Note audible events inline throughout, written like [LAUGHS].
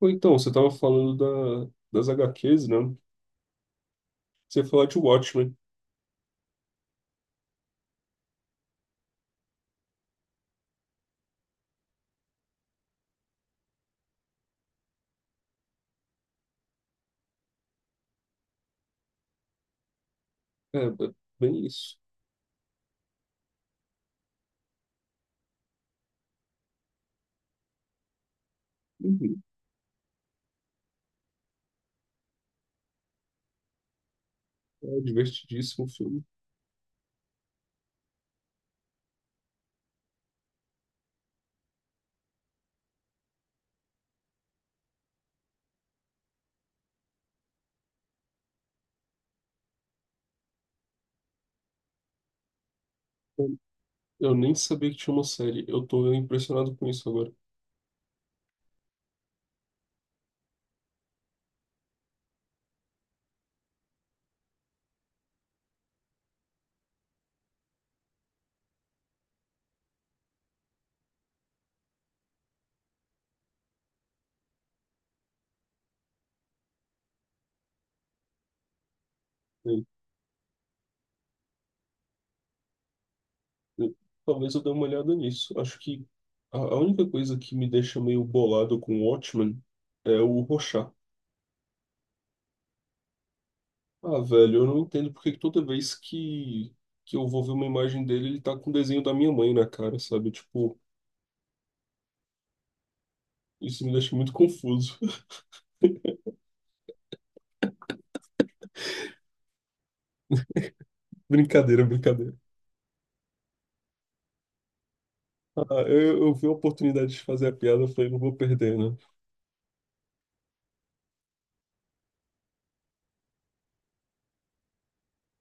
Ou então, você tava falando da, das HQs, né? Você ia falar de Watchmen. É, b- bem isso. Uhum. É divertidíssimo o filme. Eu eu nem sabia que tinha uma série. Eu tô impressionado com isso agora. Eu- eu- talvez eu dê uma olhada nisso. Acho que a única coisa que me deixa meio bolado com Watchmen é o Rorschach. Ah, velho, eu não entendo porque que toda vez que eu vou ver uma imagem dele, ele tá com o desenho da minha mãe na cara, sabe? Tipo, isso me deixa muito confuso. [LAUGHS] Brincadeira, brincadeira. Ah, eu vi a oportunidade de fazer a piada, eu falei, não vou perder, né?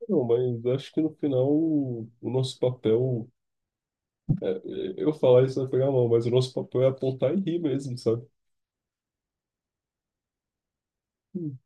Não, mas acho que no final o nosso papel, eu falar isso vai pegar mal, mas o nosso papel é apontar e rir mesmo, sabe? Hum.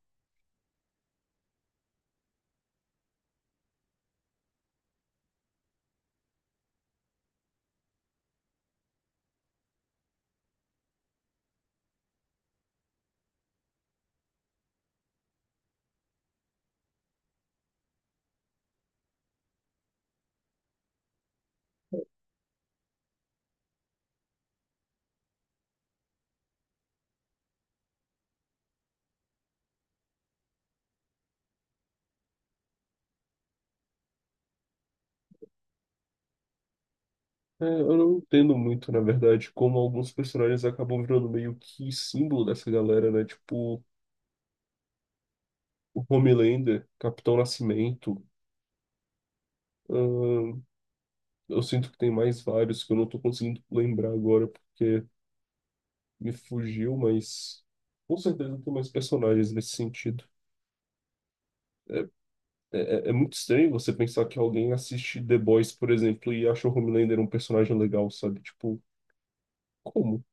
É, eu não entendo muito, na verdade, como alguns personagens acabam virando meio que símbolo dessa galera, né? Tipo, o Homelander, Capitão Nascimento. ahn, eu sinto que tem mais vários que eu não tô conseguindo lembrar agora porque me fugiu, mas com certeza tem mais personagens nesse sentido. É, é muito estranho você pensar que alguém assiste The Boys, por exemplo, e acha o Homelander um personagem legal, sabe? Tipo, como?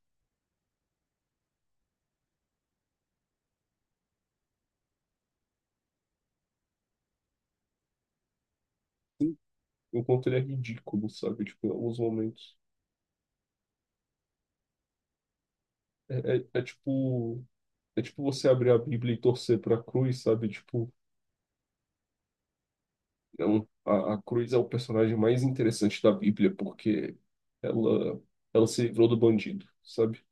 O quanto ele é ridículo, sabe? Tipo, em alguns momentos. Tipo. É tipo você abrir a Bíblia e torcer pra cruz, sabe? Tipo, a cruz é o personagem mais interessante da Bíblia, porque ela, ela se livrou do bandido, sabe?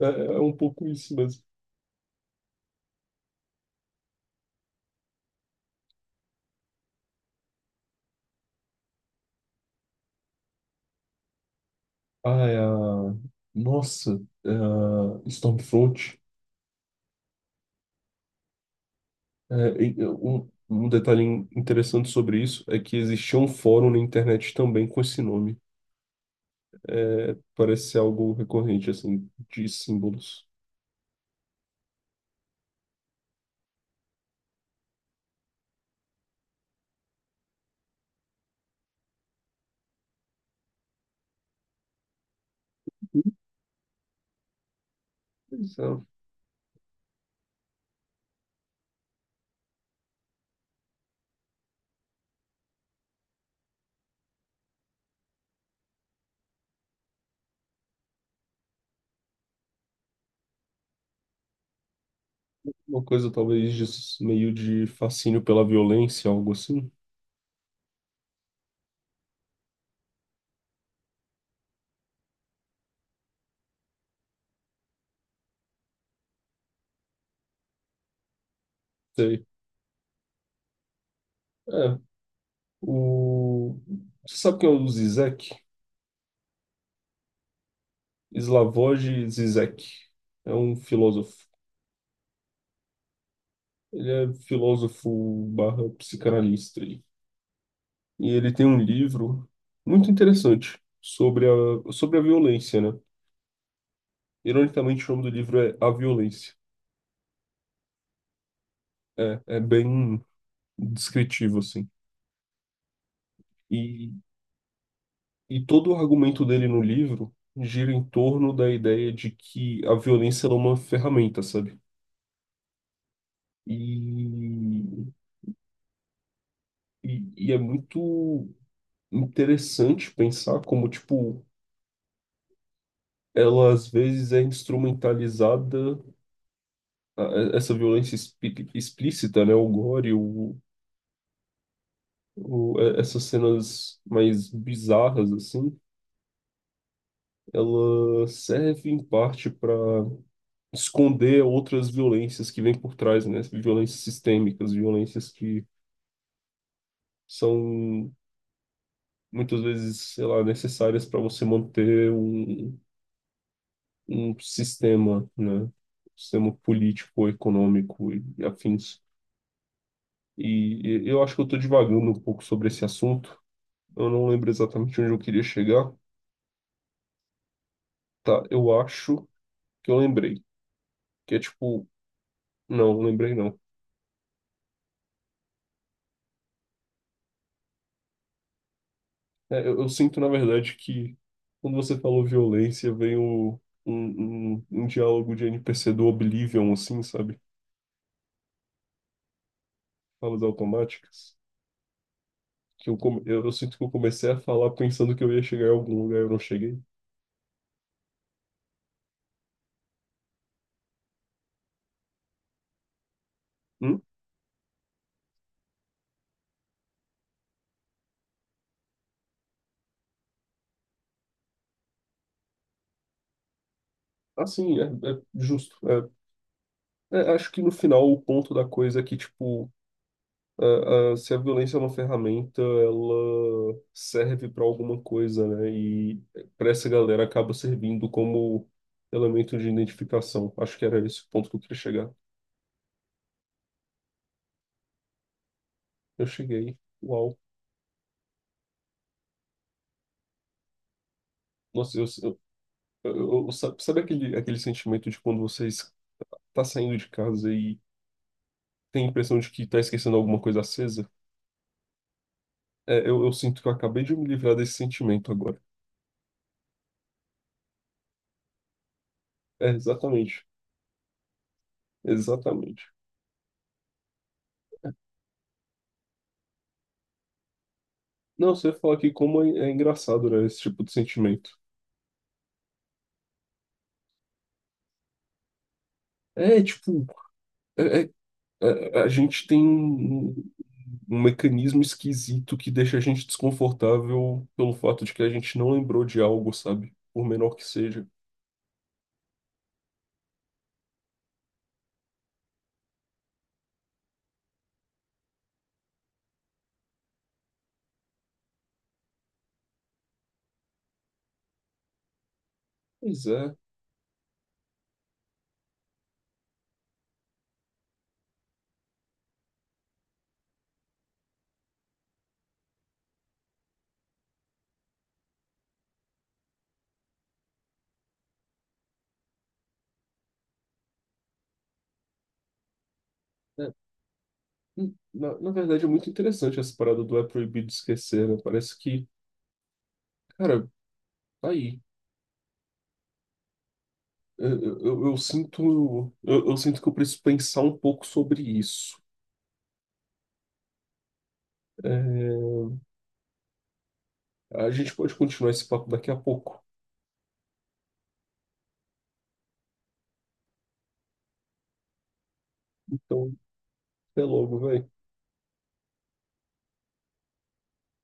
É, é é um pouco isso mesmo. Ah, é a... Nossa, é a Stormfront. É, e, um detalhe interessante sobre isso é que existia um fórum na internet também com esse nome. É, parece ser algo recorrente, assim, de símbolos. Mas é uma coisa talvez de, meio de fascínio pela violência, algo assim. Sei. É, o... Você sabe quem é o Zizek? Slavoj Zizek. É um filósofo. Ele é filósofo barra psicanalista. E ele tem um livro muito interessante sobre sobre a violência, né? Ironicamente, o nome do livro é A Violência. É, é bem descritivo, assim. E, todo o argumento dele no livro gira em torno da ideia de que a violência ela é uma ferramenta, sabe? E, é muito interessante pensar como, tipo, ela às vezes é instrumentalizada essa violência explícita, né, o gore, essas cenas mais bizarras, assim, ela serve em parte para esconder outras violências que vêm por trás, né? Violências sistêmicas, violências que são muitas vezes, sei lá, necessárias para você manter um sistema, né? Um sistema político, econômico e afins. E eu acho que eu estou divagando um pouco sobre esse assunto. Eu não lembro exatamente onde eu queria chegar. Tá, eu acho que eu lembrei que é tipo. Não, lembrei não. É, eu sinto, na verdade, que quando você falou violência, veio um diálogo de NPC do Oblivion, assim, sabe? Falas automáticas. Que eu, come- eu sinto que eu comecei a falar pensando que eu ia chegar em algum lugar e eu não cheguei. Hum? Assim, é, é justo. É, é, acho que no final o ponto da coisa é que, tipo, se a violência é uma ferramenta, ela serve para alguma coisa, né? E para essa galera acaba servindo como elemento de identificação. Acho que era esse o ponto que eu queria chegar. Eu cheguei. Uau. Nossa, sabe, sabe aquele sentimento de quando você está saindo de casa e tem a impressão de que está esquecendo alguma coisa acesa? É, eu sinto que eu acabei de me livrar desse sentimento agora. É, exatamente. Exatamente. Não, você fala que como é, é engraçado, né, esse tipo de sentimento. É, tipo, é- a gente tem um mecanismo esquisito que deixa a gente desconfortável pelo fato de que a gente não lembrou de algo, sabe? Por menor que seja. Pois é. é, Na, na verdade, é muito interessante essa parada do é proibido esquecer, né? Parece que, cara, tá aí. Eu sinto que eu preciso pensar um pouco sobre isso. É, a gente pode continuar esse papo daqui a pouco. Então, até logo, velho.